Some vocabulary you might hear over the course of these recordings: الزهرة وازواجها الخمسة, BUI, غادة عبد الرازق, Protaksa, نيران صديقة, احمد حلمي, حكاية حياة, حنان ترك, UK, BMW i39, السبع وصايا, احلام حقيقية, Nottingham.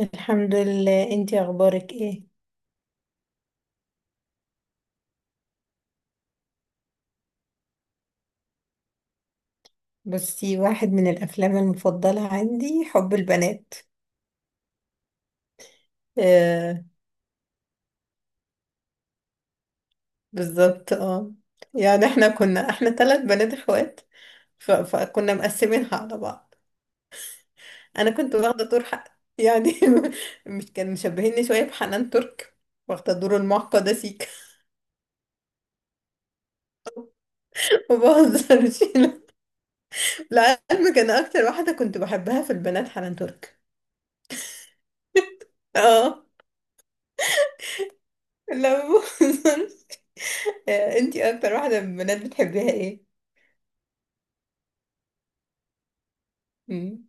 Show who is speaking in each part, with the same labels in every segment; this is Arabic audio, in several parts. Speaker 1: الحمد لله، انتي اخبارك ايه؟ بصي، واحد من الافلام المفضله عندي حب البنات. آه بالظبط اه. يعني احنا كنا ثلاث بنات اخوات. ف... فكنا مقسمينها على بعض. انا كنت واخده دور حق يعني. مش كان مشبهيني شويه بحنان ترك، واخده دور المعقده سيكا. ما بهزرش. لعلمك انا اكتر واحده كنت بحبها في البنات حنان ترك. اه لا بهزر. آه، انتي اكتر واحدة من البنات بتحبيها ايه؟ مم.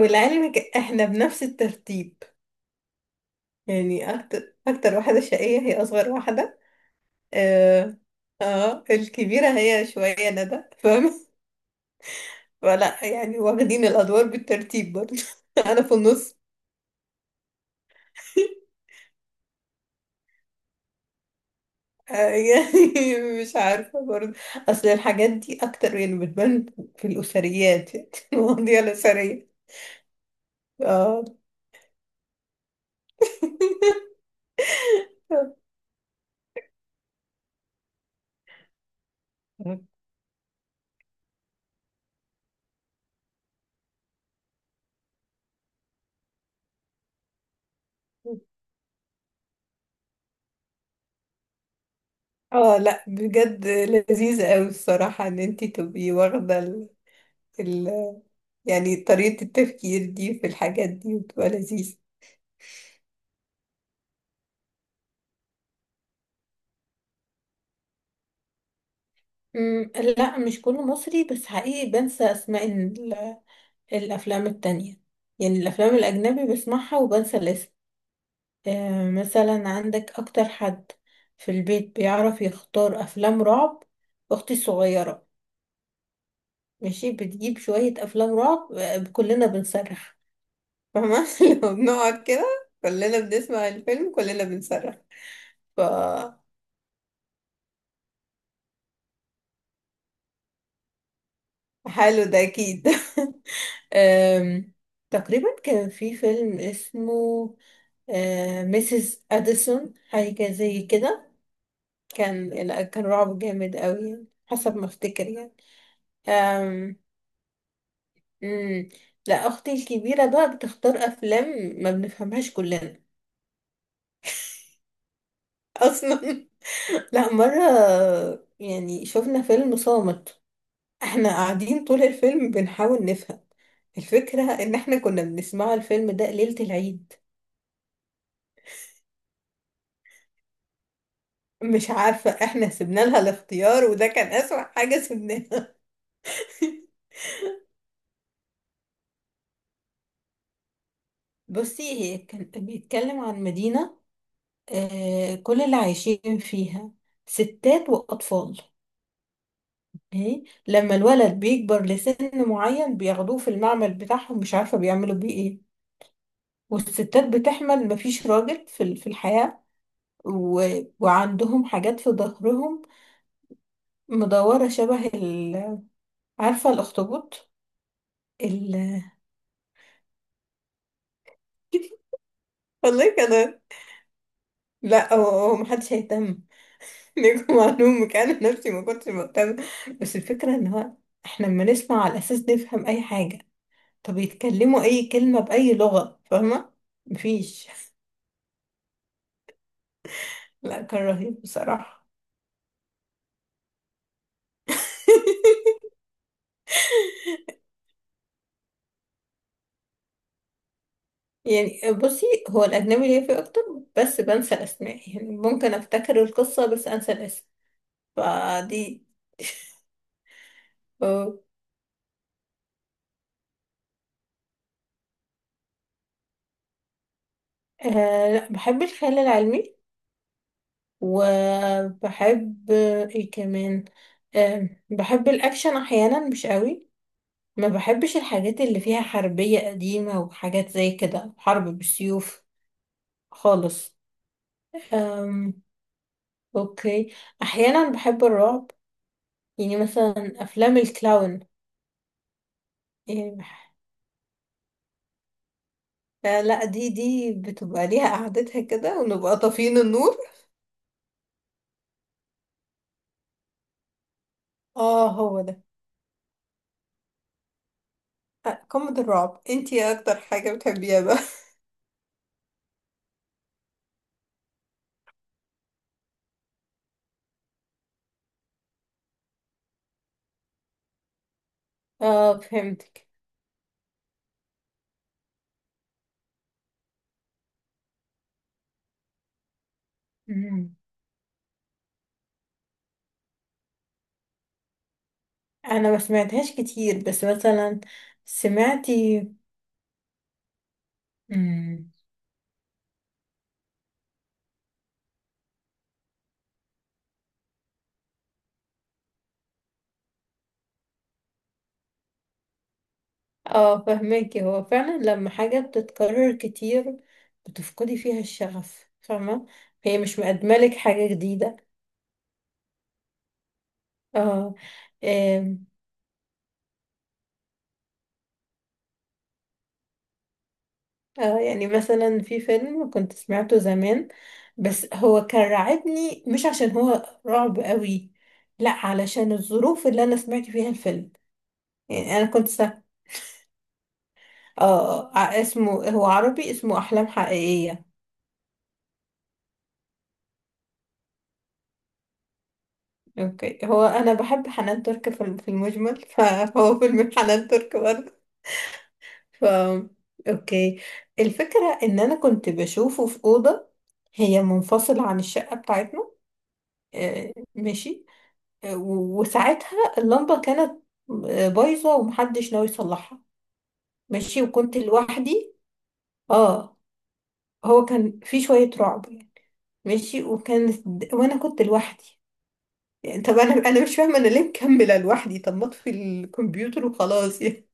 Speaker 1: ولعلمك احنا بنفس الترتيب. يعني اكتر واحدة شقية هي اصغر واحدة. اه، آه الكبيرة هي شوية ندى فاهمة. ولا يعني واخدين الادوار بالترتيب برضه. انا في النص. آه، يعني مش عارفة برضه. أصل الحاجات دي أكتر يعني بتبان في الأسريات، يعني المواضيع الأسرية. اه. اه لا بجد لذيذة قوي الصراحة ان انتي تبقي واخدة ال... يعني طريقة التفكير دي في الحاجات دي، وتبقى لذيذة. مم، لا مش كله مصري، بس حقيقي بنسى اسماء الافلام التانية. يعني الافلام الاجنبي بسمعها وبنسى الاسم. آه مثلا عندك اكتر حد في البيت بيعرف يختار افلام رعب؟ اختي الصغيرة. ماشي، بتجيب شوية افلام رعب، آه، كلنا بنصرخ. فاهمة؟ لو بنقعد كده كلنا بنسمع الفيلم كلنا بنصرخ. ف حلو ده أكيد. أم، تقريبا كان في فيلم اسمه ميسيس أديسون، حاجة زي كده. كان، لا، كان رعب جامد قوي يعني حسب ما افتكر يعني. أم، مم. لا أختي الكبيرة بقى بتختار أفلام ما بنفهمهاش كلنا. أصلا. لا مرة يعني شفنا فيلم صامت، احنا قاعدين طول الفيلم بنحاول نفهم. الفكرة ان احنا كنا بنسمعه الفيلم ده ليلة العيد. مش عارفة، احنا سيبنا لها الاختيار وده كان اسوأ حاجة سيبناها. بصي هي كان بيتكلم عن مدينة، آه، كل اللي عايشين فيها ستات وأطفال. إيه؟ لما الولد بيكبر لسن معين بياخدوه في المعمل بتاعهم، مش عارفة بيعملوا بيه ايه. والستات بتحمل، مفيش راجل في في الحياة. و... وعندهم حاجات في ظهرهم مدورة شبه عارفة الأخطبوط؟ ال... والله كده. لا هو محدش هيهتم. ليكم معلومة أنا نفسي ما كنتش مهتمة. بس الفكرة إن هو، إحنا لما نسمع على أساس نفهم أي حاجة، طب يتكلموا أي كلمة بأي لغة، فاهمة؟ مفيش. لا كان رهيب بصراحة. يعني بصي هو الأجنبي ليا فيه أكتر، بس بنسى الأسماء. يعني ممكن أفتكر القصة بس أنسى الاسم. فدي. أه. آه، لا بحب الخيال العلمي، وبحب ايه كمان، آم، بحب الاكشن احيانا مش قوي. ما بحبش الحاجات اللي فيها حربية قديمة وحاجات زي كده، حرب بالسيوف خالص. أم، اوكي. احيانا بحب الرعب، يعني مثلا افلام الكلاون. يعني بح- آه، لا دي دي بتبقى ليها قعدتها كده، ونبقى طافيين النور. اه هو ده. آه، قمة الرعب. انتي إيه اكتر حاجة بتحبيها بقى؟ اه فهمتك. مم. انا ما سمعتهاش كتير، بس مثلا سمعتي. مم. اه فهماكي. هو فعلا لما حاجة بتتكرر كتير بتفقدي فيها الشغف، فاهمة؟ هي مش مقدملك حاجة جديدة. اه. آم، اه يعني مثلا في فيلم كنت سمعته زمان، بس هو كان رعبني مش عشان هو رعب قوي، لا علشان الظروف اللي انا سمعت فيها الفيلم. يعني انا كنت سا... اه، آه، آه، اسمه، هو عربي، اسمه احلام حقيقية. اوكي، هو انا بحب حنان ترك في في المجمل، فهو فيلم حنان ترك برضه. ف اوكي. الفكرة ان انا كنت بشوفه في اوضة هي منفصلة عن الشقة بتاعتنا. آه، ماشي. آه، وساعتها اللمبة كانت، آه، بايظة ومحدش ناوي يصلحها. ماشي وكنت لوحدي. اه. هو كان في شوية رعب يعني. ماشي، وانا كنت لوحدي. يعني طب انا مش فاهمة انا ليه مكملة لوحدي، طب ما اطفي الكمبيوتر وخلاص يعني.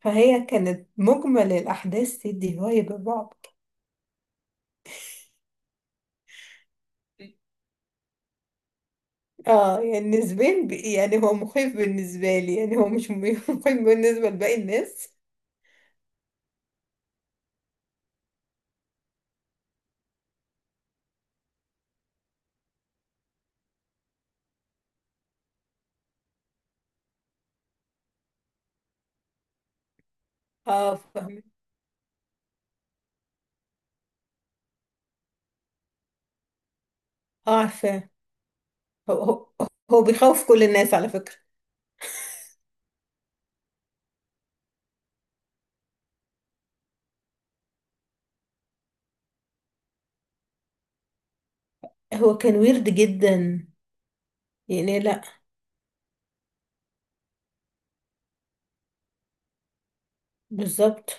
Speaker 1: فهي كانت مجمل الأحداث تدي فايب الرعب. اه يعني نسبيا يعني هو مخيف بالنسبة لي، يعني هو مش م- مخيف بالنسبة لباقي الناس. اه فاهمة. اه عارفة. هو هو بيخوف كل الناس على فكرة. هو كان ويرد جدا يعني. لا بالظبط،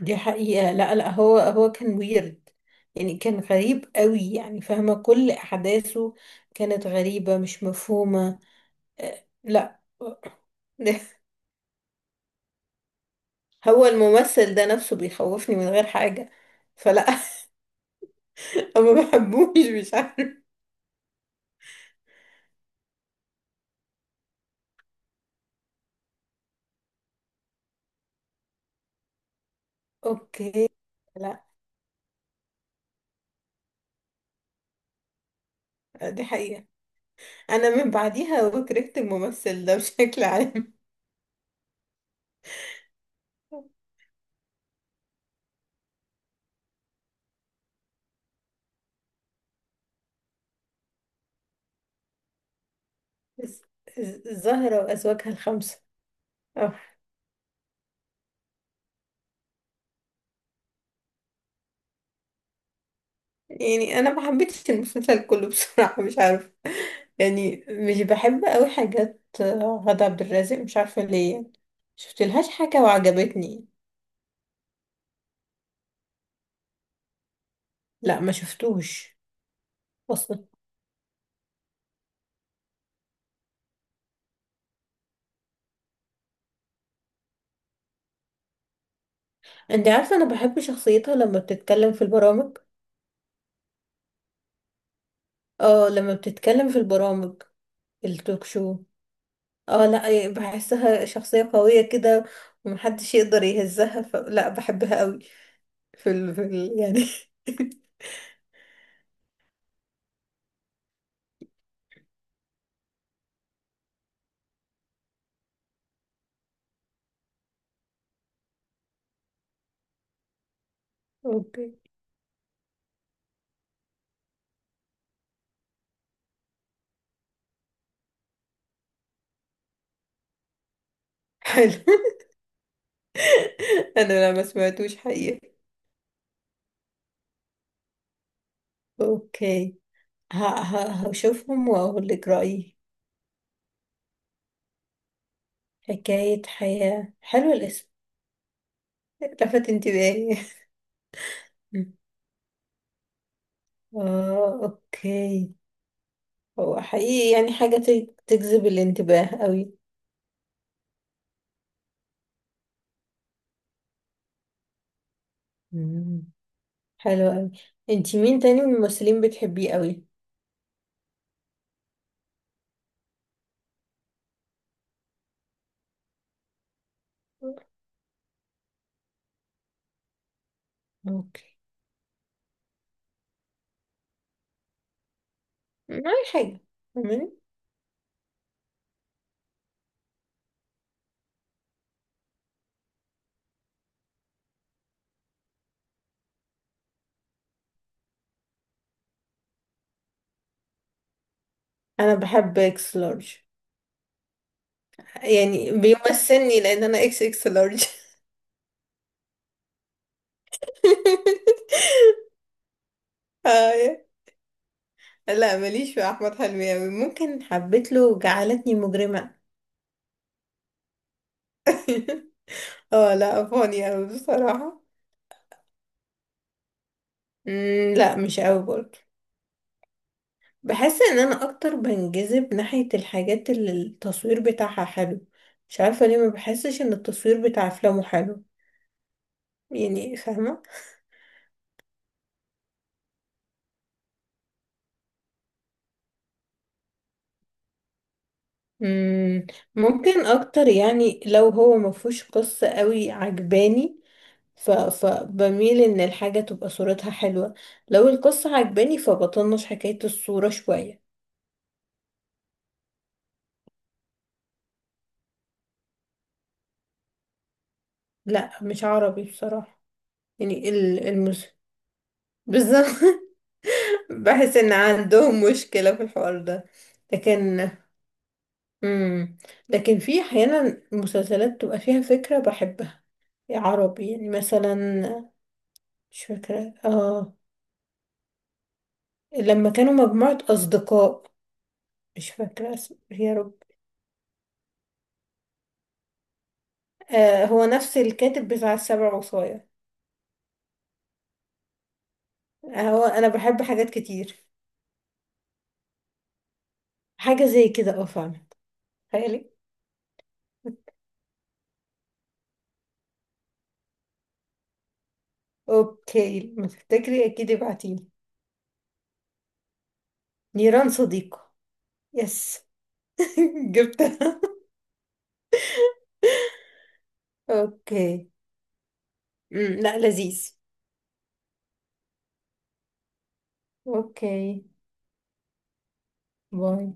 Speaker 1: دي حقيقة. لا لا هو كان ويرد، يعني كان غريب قوي يعني، فاهمة؟ كل أحداثه كانت غريبة مش مفهومة. آه لا. هو الممثل ده نفسه بيخوفني من غير حاجة. فلا. ما بحبوش مش عارف. اوكي. لا دي حقيقة. انا من بعديها وكرهت الممثل ده بشكل عام. الز- الزهرة وازواجها الخمسة. اه يعني انا ما حبيتش المسلسل كله بصراحة، مش عارفة. يعني مش بحب قوي حاجات غادة عبد الرازق، مش عارفة ليه يعني. شفت لهاش حاجة وعجبتني. لا ما شفتوش اصلا. انت عارفة انا بحب شخصيتها لما بتتكلم في البرامج. اه لما بتتكلم في البرامج، التوك شو. اه لا إيه، بحسها شخصية قوية كده ومحدش يقدر يهزها. لا بحبها قوي يعني. اوكي. حلو. انا لا ما سمعتوش حقيقة. اوكي. هشوفهم واقول لك رأيي. حكاية حياة، حلو الاسم. لفت انتباهي. اه اوكي. هو حقيقي يعني حاجة تجذب الانتباه قوي. مم. حلو قوي. انتي مين تاني من الممثلين بتحبيه قوي؟ اوكي. ما أي حاجة، فاهماني؟ انا بحب اكس لارج. يعني بيمثلني لان انا اكس لارج. آه، لا ماليش في احمد حلمي قوي. ممكن حبيت له جعلتني مجرمة. اه لا فاني قوي بصراحة. مم، لا مش قوي برضه. بحس ان انا اكتر بنجذب ناحية الحاجات اللي التصوير بتاعها حلو. مش عارفة ليه ما بحسش ان التصوير بتاع افلامه حلو، يعني فاهمة؟ مم، ممكن اكتر يعني لو هو ما فيهوش قصة قوي عجباني، ف... فبميل ان الحاجة تبقى صورتها حلوة. لو القصة عجباني فبطنش حكاية الصورة شوية. لا مش عربي بصراحة. يعني المس، بالظبط. بحس ان عندهم مشكلة في الحوار ده. لكن امم، لكن في احيانا مسلسلات بتبقى فيها فكره بحبها عربي، يعني مثلا مش فاكره، اه لما كانوا مجموعه اصدقاء. مش فاكره اسمه يا رب. آه هو نفس الكاتب بتاع السبع وصايا. آه هو انا بحب حاجات كتير حاجه زي كده اه فاهمه. تخيلي. اوكي، ما تفتكري اكيد ابعتيلي. نيران صديقه. يس. جبتها. اوكي. امم، لا لذيذ. اوكي، باي.